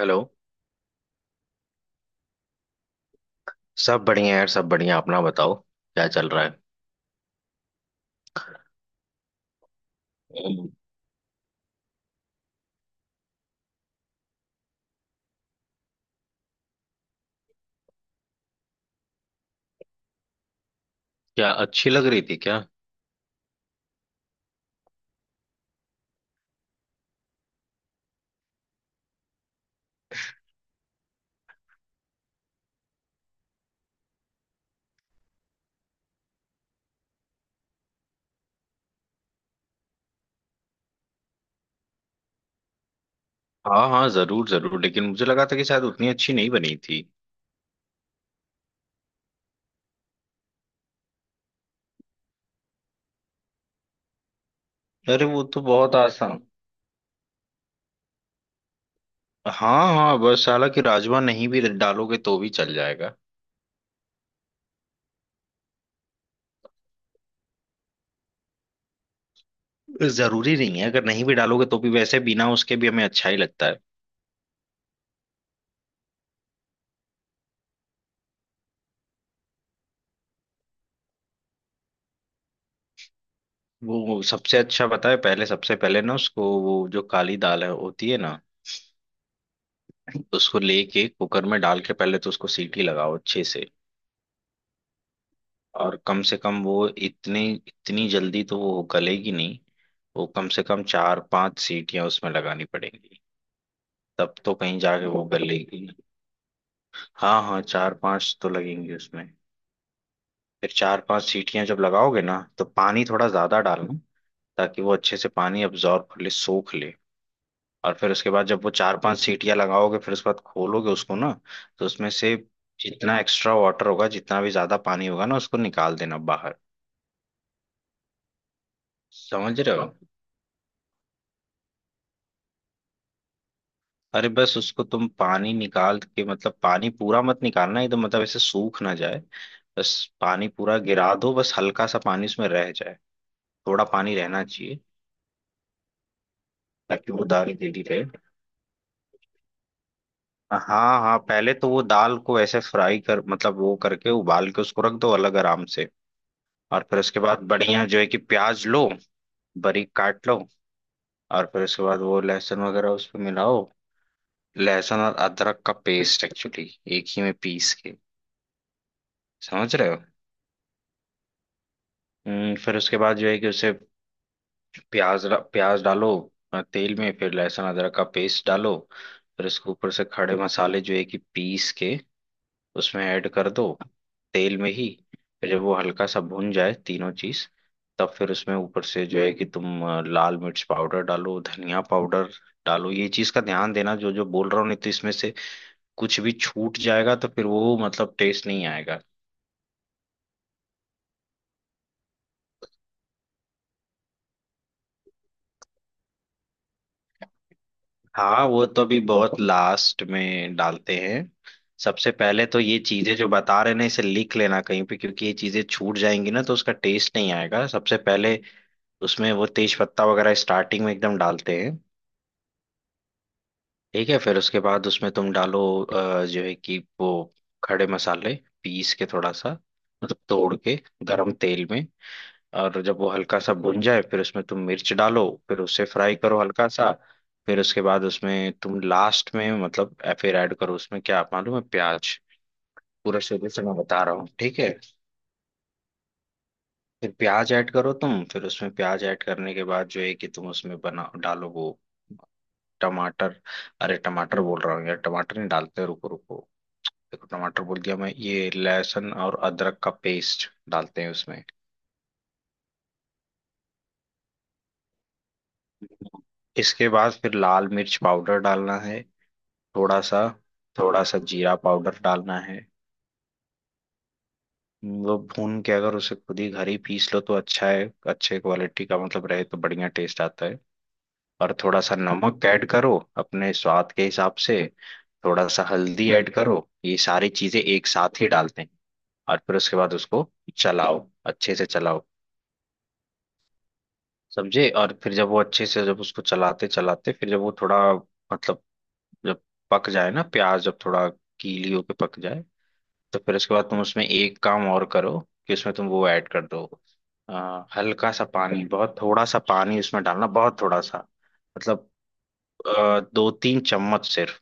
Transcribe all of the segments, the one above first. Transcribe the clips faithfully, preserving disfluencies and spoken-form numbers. Hello. सब बढ़िया यार, सब बढ़िया। अपना बताओ, क्या चल रहा है? हम्म। क्या अच्छी लग रही थी क्या? हाँ हाँ, जरूर जरूर। लेकिन मुझे लगा था कि शायद उतनी अच्छी नहीं बनी थी। अरे वो तो बहुत आसान। हाँ हाँ, बस हालांकि राजमा नहीं भी डालोगे तो भी चल जाएगा। जरूरी नहीं है, अगर नहीं भी डालोगे तो भी, वैसे बिना उसके भी हमें अच्छा ही लगता है। वो सबसे अच्छा बताए पहले, सबसे पहले ना उसको, वो जो काली दाल है होती है ना, उसको लेके कुकर में डाल के पहले तो उसको सीटी लगाओ अच्छे से। और कम से कम वो इतनी इतनी जल्दी तो वो गलेगी नहीं। वो कम से कम चार पांच सीटियां उसमें लगानी पड़ेंगी। तब तो कहीं जाके वो गलेगी। हाँ हाँ, चार पांच तो लगेंगी उसमें। फिर चार पांच सीटियां जब लगाओगे ना, तो पानी थोड़ा ज्यादा डालना ताकि वो अच्छे से पानी अब्जॉर्ब कर ले, सोख ले। और फिर उसके बाद जब वो चार पांच सीटियां लगाओगे, फिर उसके बाद खोलोगे उसको ना, तो उसमें से जितना एक्स्ट्रा वाटर होगा, जितना भी ज्यादा पानी होगा ना, उसको निकाल देना बाहर। समझ रहे हो? अरे बस उसको तुम पानी निकाल के, मतलब पानी पूरा मत निकालना एकदम, मतलब ऐसे सूख ना जाए बस। पानी पूरा गिरा दो, बस हल्का सा पानी उसमें रह जाए। थोड़ा पानी रहना चाहिए ताकि वो दाल गीली रहे। हाँ हाँ, पहले तो वो दाल को ऐसे फ्राई कर, मतलब वो करके उबाल के उसको रख दो अलग आराम से। और फिर उसके बाद बढ़िया जो है कि प्याज लो, बारीक काट लो। और फिर उसके बाद वो लहसुन वगैरह उसमें मिलाओ। लहसुन और अदरक का पेस्ट एक्चुअली, एक ही में पीस के। समझ रहे हो? हम्म, फिर उसके बाद जो है कि उसे प्याज र- प्याज डालो, अ, तेल में, फिर लहसुन अदरक का पेस्ट डालो। फिर इसके ऊपर से खड़े मसाले जो है कि पीस के उसमें ऐड कर दो, तेल में ही। फिर जब वो हल्का सा भुन जाए तीनों चीज, तब फिर उसमें ऊपर से जो है कि तुम अ, लाल मिर्च पाउडर डालो, धनिया पाउडर डालो। ये चीज का ध्यान देना जो जो बोल रहा हूँ, नहीं तो इसमें से कुछ भी छूट जाएगा तो फिर वो, मतलब टेस्ट नहीं आएगा। हाँ वो तो अभी बहुत लास्ट में डालते हैं। सबसे पहले तो ये चीजें जो बता रहे हैं ना, इसे लिख लेना कहीं पे, क्योंकि ये चीजें छूट जाएंगी ना तो उसका टेस्ट नहीं आएगा। सबसे पहले उसमें वो तेज पत्ता वगैरह स्टार्टिंग में एकदम डालते हैं। ठीक है? फिर उसके बाद उसमें तुम डालो अ, जो है कि वो खड़े मसाले, पीस के थोड़ा सा, मतलब तोड़ के, गरम तेल में। और जब वो हल्का सा भुन जाए, फिर उसमें तुम मिर्च डालो, फिर उसे फ्राई करो हल्का सा। फिर उसके बाद उसमें तुम लास्ट में, मतलब अ, फिर ऐड करो उसमें, क्या मालूम है, प्याज। पूरा शुरू से मैं बता रहा हूँ, ठीक है? फिर प्याज ऐड करो तुम। फिर उसमें प्याज ऐड करने के बाद जो है कि तुम उसमें बना डालो वो टमाटर। अरे टमाटर बोल रहा हूँ यार, टमाटर नहीं डालते, रुको रुको। देखो टमाटर बोल दिया मैं, ये लहसुन और अदरक का पेस्ट डालते हैं उसमें। इसके बाद फिर लाल मिर्च पाउडर डालना है, थोड़ा सा। थोड़ा सा जीरा पाउडर डालना है। वो भून के, अगर उसे खुद ही घर ही पीस लो तो अच्छा है, अच्छे क्वालिटी का मतलब रहे तो बढ़िया टेस्ट आता है। और थोड़ा सा नमक ऐड करो अपने स्वाद के हिसाब से। थोड़ा सा हल्दी ऐड करो। ये सारी चीजें एक साथ ही डालते हैं। और फिर उसके बाद उसको चलाओ, अच्छे से चलाओ। समझे? और फिर जब वो अच्छे से, जब उसको चलाते चलाते, फिर जब वो थोड़ा, मतलब जब पक जाए ना प्याज, जब थोड़ा गीली होके पक जाए, तो फिर उसके बाद तुम उसमें एक काम और करो कि उसमें तुम वो ऐड कर दो अ, हल्का सा पानी, बहुत थोड़ा सा पानी उसमें डालना, बहुत थोड़ा सा, मतलब अ, दो तीन चम्मच सिर्फ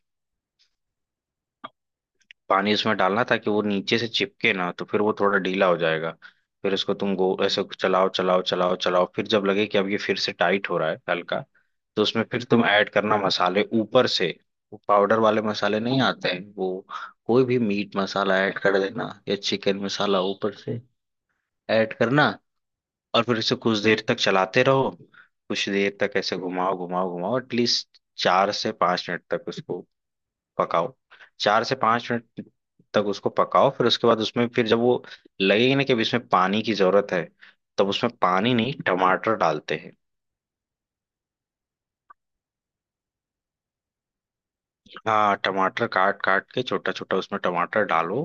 पानी उसमें डालना ताकि वो नीचे से चिपके ना, तो फिर वो थोड़ा ढीला हो जाएगा। फिर उसको तुम गो ऐसे चलाओ चलाओ चलाओ चलाओ। फिर जब लगे कि अब ये फिर से टाइट हो रहा है हल्का, तो उसमें फिर तुम ऐड करना मसाले ऊपर से। वो पाउडर वाले मसाले नहीं आते हैं वो, कोई भी मीट मसाला ऐड कर देना, या चिकन मसाला ऊपर से ऐड करना। और फिर इसे कुछ देर तक चलाते रहो, कुछ देर तक ऐसे घुमाओ घुमाओ घुमाओ, एटलीस्ट चार से पांच मिनट तक उसको पकाओ। चार से पांच मिनट तक उसको पकाओ। फिर उसके बाद उसमें फिर जब वो लगेगी ना कि अब इसमें पानी की जरूरत है, तब उसमें पानी नहीं टमाटर डालते हैं। हाँ टमाटर काट काट के छोटा छोटा उसमें टमाटर डालो,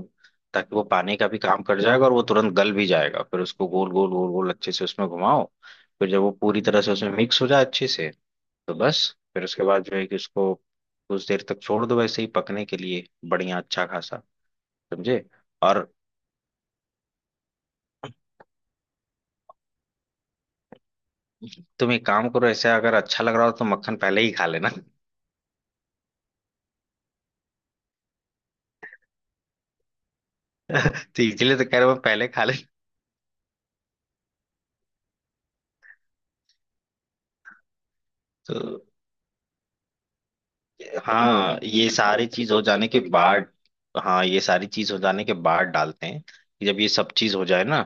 ताकि वो पानी का भी काम कर जाएगा और वो तुरंत गल भी जाएगा। फिर उसको गोल गोल गोल गोल अच्छे से उसमें घुमाओ। फिर जब वो पूरी तरह से उसमें मिक्स हो जाए अच्छे से, तो बस। फिर उसके बाद जो है कि उसको कुछ देर तक छोड़ दो वैसे ही पकने के लिए, बढ़िया अच्छा खासा। समझे? और तुम एक काम करो, ऐसे अगर अच्छा लग रहा हो तो मक्खन पहले ही खा लेना। तो इसलिए तो कह रहा हूँ पहले खा ले। तो हाँ, ये सारी चीज हो जाने के बाद, हाँ ये सारी चीज हो जाने के बाद डालते हैं, कि जब ये सब चीज हो जाए ना।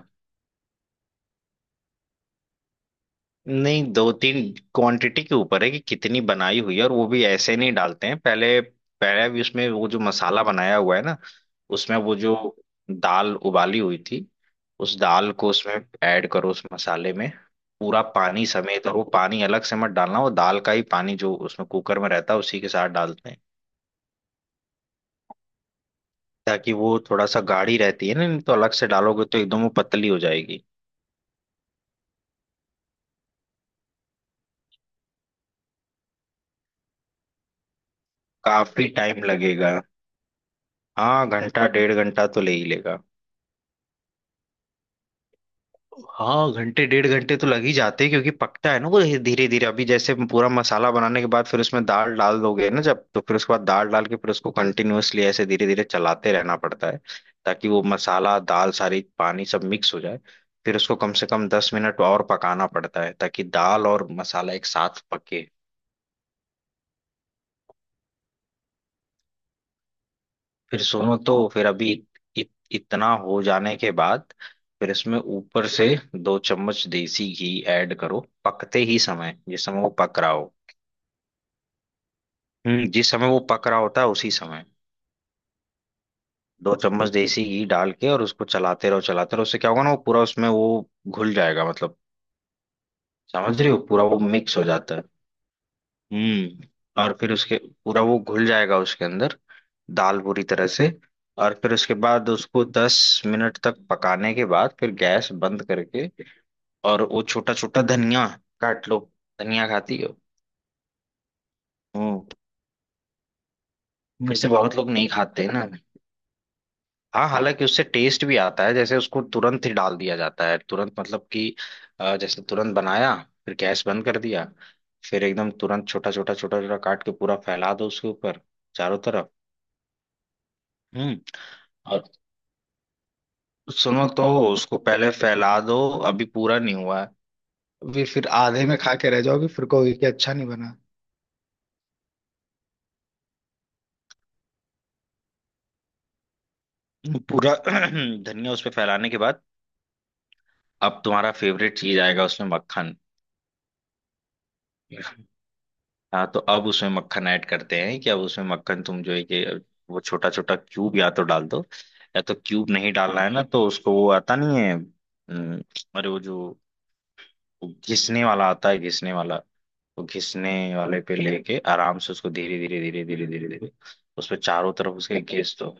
नहीं दो तीन, क्वांटिटी के ऊपर है कि कितनी बनाई हुई है। और वो भी ऐसे नहीं डालते हैं, पहले पहले भी उसमें वो जो मसाला बनाया हुआ है ना, उसमें वो जो दाल उबाली हुई थी, उस दाल को उसमें ऐड करो, उस मसाले में, पूरा पानी समेत। और वो पानी अलग से मत डालना, वो दाल का ही पानी जो उसमें कुकर में रहता है, उसी के साथ डालते हैं ताकि वो थोड़ा सा गाढ़ी रहती है ना, नहीं तो अलग से डालोगे तो एकदम वो पतली हो जाएगी। काफी टाइम लगेगा। हाँ घंटा डेढ़ घंटा तो ले ही लेगा। हाँ घंटे डेढ़ घंटे तो लग ही जाते हैं, क्योंकि पकता है ना वो धीरे धीरे। अभी जैसे पूरा मसाला बनाने के बाद फिर उसमें दाल डाल दोगे ना जब, तो फिर उसके बाद दाल डाल के फिर उसको कंटिन्यूअसली ऐसे धीरे धीरे चलाते रहना पड़ता है, ताकि वो मसाला दाल सारी पानी सब मिक्स हो जाए। फिर उसको कम से कम दस मिनट और पकाना पड़ता है ताकि दाल और मसाला एक साथ पके। फिर सुनो तो, फिर अभी इत, इतना हो जाने के बाद फिर इसमें ऊपर से दो चम्मच देसी घी ऐड करो पकते ही समय, जिस समय वो पक रहा हो। हम्म जिस समय वो पक रहा होता है उसी समय दो चम्मच देसी घी डाल के, और उसको चलाते रहो चलाते रहो। उससे क्या होगा ना, वो पूरा उसमें वो घुल जाएगा मतलब। समझ रही हो? पूरा वो मिक्स हो जाता है। हम्म और फिर उसके, पूरा वो घुल जाएगा उसके अंदर, दाल पूरी तरह से। और फिर उसके बाद उसको दस मिनट तक पकाने के बाद फिर गैस बंद करके, और वो छोटा छोटा धनिया काट लो। धनिया खाती हो? हम्म वैसे बहुत लोग नहीं खाते ना। हाँ हालांकि उससे टेस्ट भी आता है, जैसे उसको तुरंत ही डाल दिया जाता है, तुरंत मतलब कि अ, जैसे तुरंत बनाया, फिर गैस बंद कर दिया, फिर एकदम तुरंत छोटा छोटा छोटा छोटा काट के पूरा फैला दो उसके ऊपर, चारों तरफ। हम्म और सुनो तो, उसको पहले फैला दो, अभी पूरा नहीं हुआ है। अभी फिर आधे में खा के रह जाओगे, फिर कहोगे कि अच्छा नहीं बना। पूरा धनिया उस पे फैलाने के बाद, अब तुम्हारा फेवरेट चीज आएगा उसमें, मक्खन। हाँ तो अब उसमें मक्खन ऐड करते हैं, कि अब उसमें मक्खन तुम जो है कि वो छोटा छोटा क्यूब या तो डाल दो, या तो क्यूब नहीं डालना है ना तो उसको वो आता नहीं है। हम्म, अरे वो जो, वो घिसने वाला आता है, घिसने वाला, वो घिसने वाले पे लेके आराम से उसको धीरे धीरे धीरे धीरे धीरे धीरे उस पे चारों तरफ उसके घिस दो।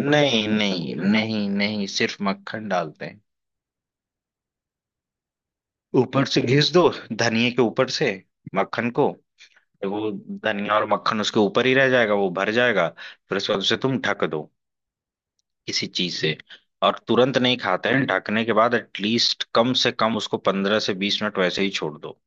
नहीं नहीं नहीं नहीं, सिर्फ मक्खन डालते हैं। ऊपर से घिस दो धनिए के ऊपर से, मक्खन को। वो धनिया और मक्खन उसके ऊपर ही रह जाएगा, वो भर जाएगा। फिर उसके बाद उसे तुम ढक दो किसी चीज से। और तुरंत नहीं खाते हैं, ढकने के बाद एटलीस्ट कम से कम उसको पंद्रह से बीस मिनट वैसे ही छोड़ दो।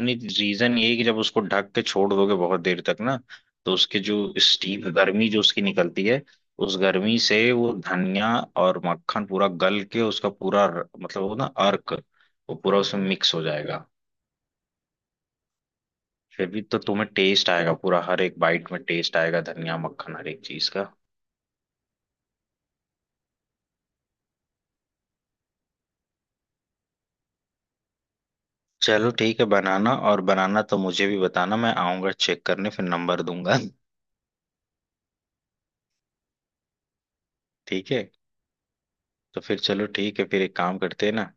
रीजन ये है कि जब उसको ढक के छोड़ दोगे बहुत देर तक ना, तो उसके जो स्टीम, गर्मी जो उसकी निकलती है, उस गर्मी से वो धनिया और मक्खन पूरा गल के उसका पूरा र- मतलब वो ना अर्क, वो पूरा उसमें मिक्स हो जाएगा। फिर भी तो तुम्हें टेस्ट आएगा पूरा, हर एक बाइट में टेस्ट आएगा, धनिया मक्खन हर एक चीज का। चलो ठीक है, बनाना। और बनाना तो मुझे भी बताना, मैं आऊंगा चेक करने, फिर नंबर दूंगा। ठीक है? तो फिर चलो ठीक है, फिर एक काम करते हैं ना।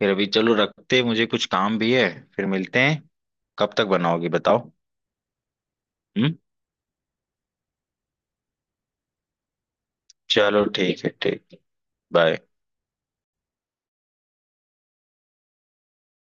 फिर अभी चलो रखते हैं, मुझे कुछ काम भी है। फिर मिलते हैं। कब तक बनाओगी बताओ? हम्म चलो ठीक है, ठीक। बाय।